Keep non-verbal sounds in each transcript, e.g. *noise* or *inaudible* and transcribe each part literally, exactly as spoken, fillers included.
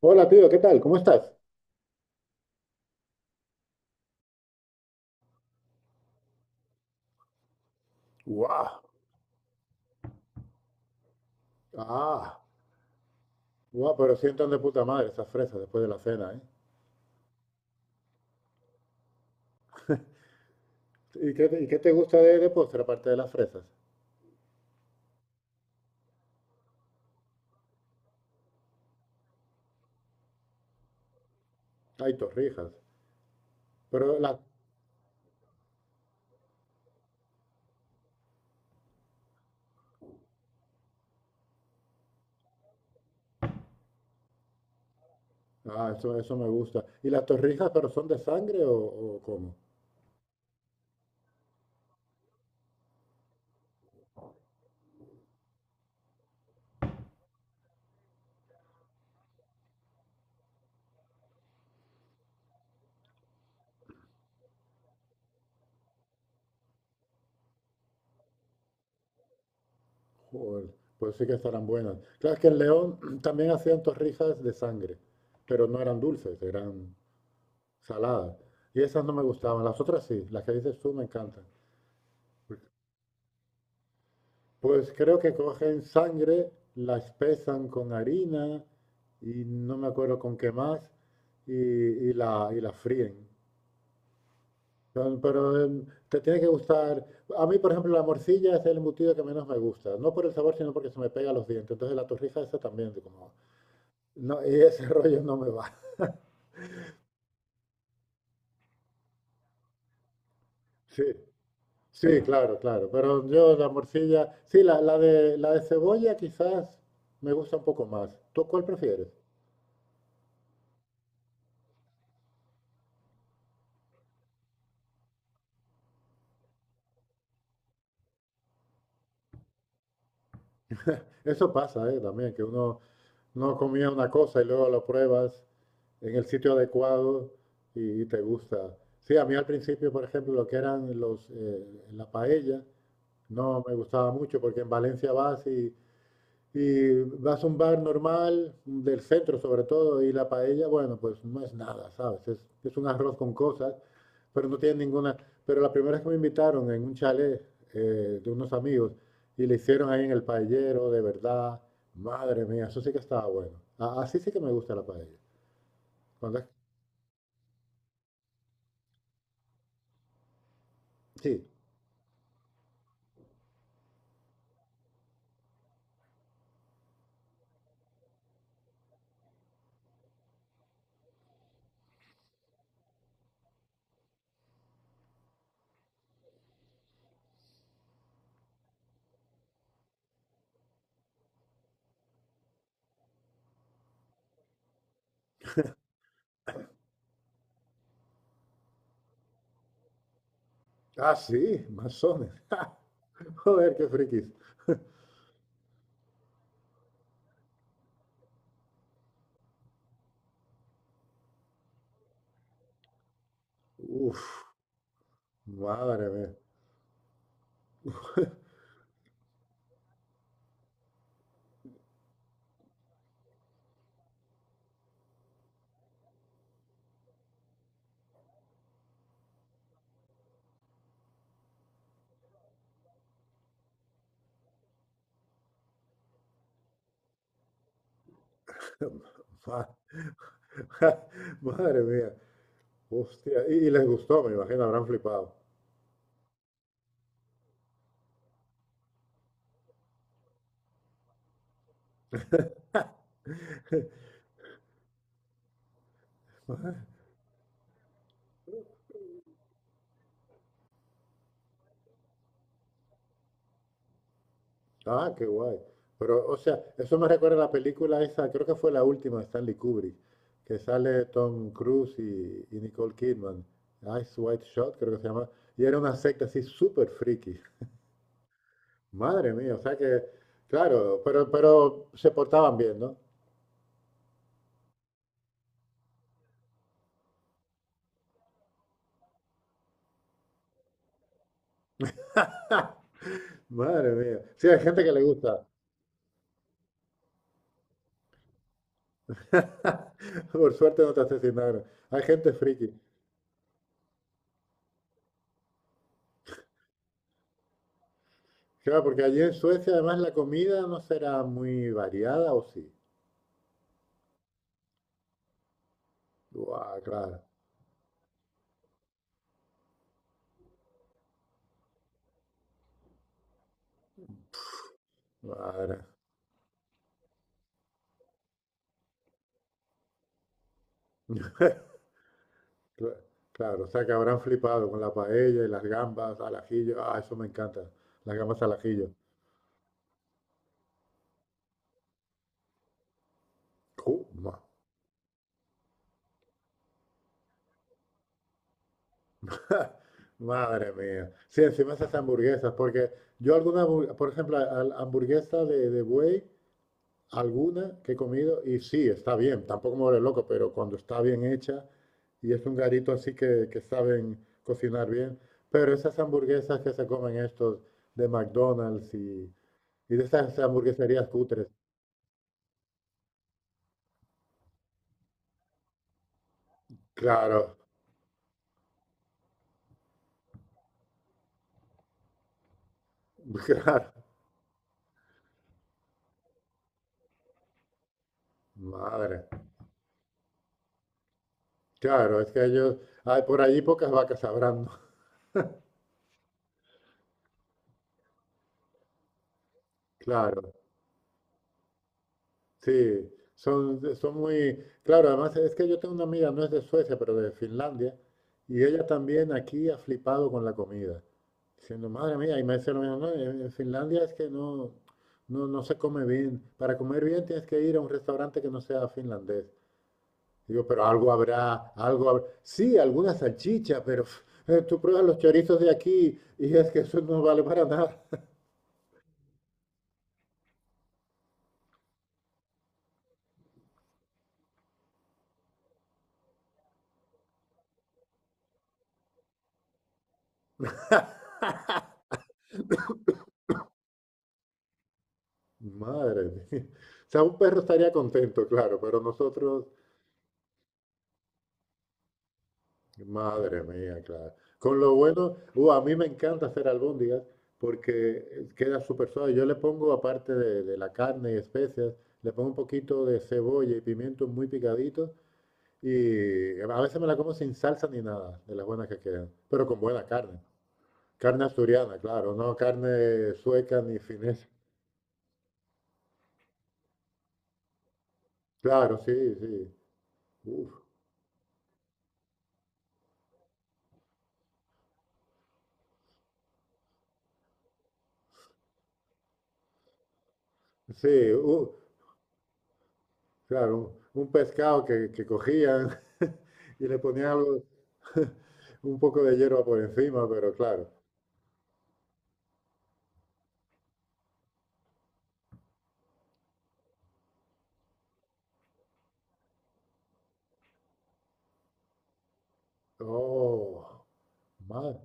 Hola, tío, ¿qué tal? ¿Cómo estás? ¡Guau! Ah, guau, pero sientan de puta madre esas fresas después de la cena, ¿eh? ¿Y qué, te y qué te gusta de, de postre aparte de las fresas? Hay torrijas. Pero las... Ah, eso, eso me gusta. ¿Y las torrijas, pero son de sangre o, o cómo? Joder, pues sí que estarán buenas. Claro, es que en León *clears throat* también hacían torrijas de sangre, pero no eran dulces, eran saladas. Y esas no me gustaban. Las otras sí, las que dices tú me encantan. Pues creo que cogen sangre, la espesan con harina y no me acuerdo con qué más y, y la, y la fríen. Pero, pero, em, te tiene que gustar. A mí, por ejemplo, la morcilla es el embutido que menos me gusta. No por el sabor, sino porque se me pega a los dientes. Entonces la torrija esa también, como... No, y ese *laughs* rollo no me va. Sí, sí, claro, claro. Pero yo la morcilla... Sí, la, la de, la de cebolla quizás me gusta un poco más. ¿Tú cuál prefieres? Eso pasa, eh, también, que uno no comía una cosa y luego lo pruebas en el sitio adecuado y, y te gusta. Sí, a mí al principio, por ejemplo, lo que eran los, eh, la paella, no me gustaba mucho porque en Valencia vas y y vas a un bar normal, del centro sobre todo, y la paella, bueno, pues no es nada, ¿sabes? Es, es un arroz con cosas, pero no tiene ninguna... Pero la primera vez que me invitaron en un chalet, eh, de unos amigos y le hicieron ahí en el paellero, de verdad, madre mía, eso sí que estaba bueno. A- así sí que me gusta la paella. Cuando es- Sí. Ah, sí, masones. *laughs* Joder, qué frikis. Uf, madre mía. *laughs* Ma- *laughs* Madre mía. Hostia, y, y les gustó, me imagino, habrán flipado. Ah, qué guay. Pero, o sea, eso me recuerda a la película esa, creo que fue la última de Stanley Kubrick, que sale Tom Cruise y, y Nicole Kidman. Ice White Shot, creo que se llama. Y era una secta así súper friki. Madre mía, o sea que, claro, pero, pero se portaban bien, ¿no? *laughs* Madre mía. Sí, hay gente que le gusta. *laughs* Por suerte no te asesinaron. Hay gente friki. Claro, porque allí en Suecia además la comida no será muy variada, ¿o sí? Buah, claro, madre. *laughs* Cla- Claro, o sea que habrán flipado con la paella y las gambas al ajillo. Ah, eso me encanta, las gambas al ajillo. Ju, ma- *laughs* Madre mía. Sí, encima esas hamburguesas, porque yo alguna, hamburg- por ejemplo, a- a la hamburguesa de, de buey. Alguna que he comido y sí, está bien, tampoco me vuelve loco, pero cuando está bien hecha y es un garito así que, que saben cocinar bien, pero esas hamburguesas que se comen estos de McDonald's y, y de esas hamburgueserías cutres, claro. *laughs* Claro, madre, claro, es que ellos, hay por allí pocas vacas sabrán, ¿no? *laughs* Claro, sí, son, son muy, claro, además es que yo tengo una amiga, no es de Suecia, pero de Finlandia, y ella también aquí ha flipado con la comida. Siendo madre mía, y me decía lo mismo, no, en en Finlandia es que no, no, no se come bien. Para comer bien tienes que ir a un restaurante que no sea finlandés. Digo, pero algo habrá, algo habrá. Sí, alguna salchicha, pero *laughs* eh, tú pruebas los chorizos de aquí y es que eso no vale para nada. *laughs* Madre mía. O sea, un perro estaría contento, claro, pero nosotros madre mía, claro. Con lo bueno, uh, a mí me encanta hacer albóndigas porque eh, queda súper suave. Yo le pongo, aparte de, de la carne y especias, le pongo un poquito de cebolla y pimiento muy picadito y eh, a veces me la como sin salsa ni nada, de las buenas que quedan, pero con buena carne. Carne asturiana, claro, no carne sueca ni finesa. Claro, sí, sí. Uf. Sí, u- claro, un pescado que, que cogían *laughs* y le ponían algo, *laughs* un poco de hierba por encima, pero claro. Oh, madre.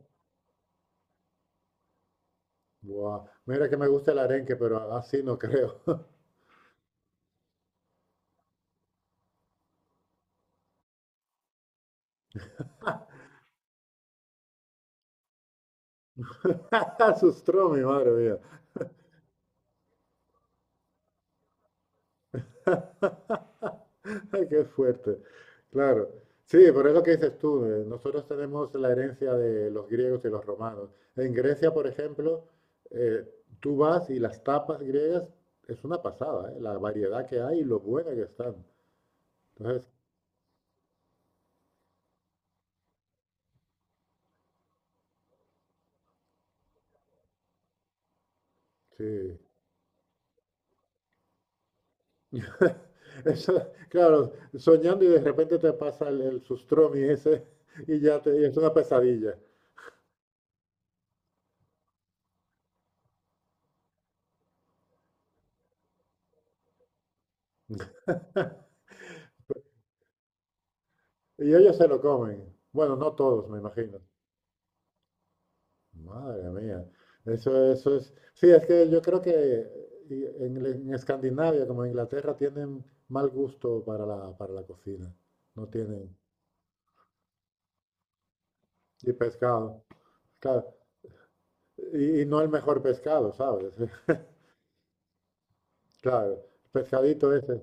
Buah. Mira que me gusta el arenque, pero así no creo. *laughs* Sus mi madre mía. *laughs* Qué fuerte. Claro. Sí, pero es lo que dices tú. eh, Nosotros tenemos la herencia de los griegos y los romanos. En Grecia, por ejemplo, eh, tú vas y las tapas griegas es una pasada, eh, la variedad que hay y lo buena que están. Entonces, sí. *laughs* Eso, claro, soñando y de repente te pasa el, el sustromi ese y ya te, y es una pesadilla. *laughs* Y ellos se lo comen. Bueno, no todos, me imagino. Madre mía, eso, eso es. Sí, es que yo creo que y en, en Escandinavia, como en Inglaterra, tienen mal gusto para la, para la cocina. No tienen. Y pescado, claro. Y, y no el mejor pescado, ¿sabes? *laughs* Claro, pescadito ese.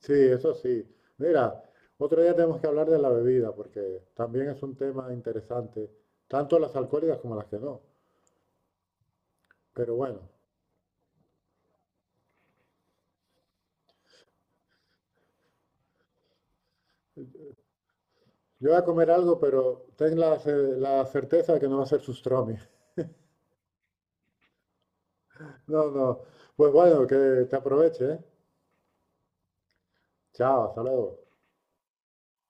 Sí, eso sí. Mira, otro día tenemos que hablar de la bebida, porque también es un tema interesante, tanto las alcohólicas como las que no. Pero bueno, yo voy a comer algo, pero ten la, ce- la certeza de que no va a ser sustromi. No, no. Pues bueno, que te aproveche, ¿eh? Chao, hasta luego.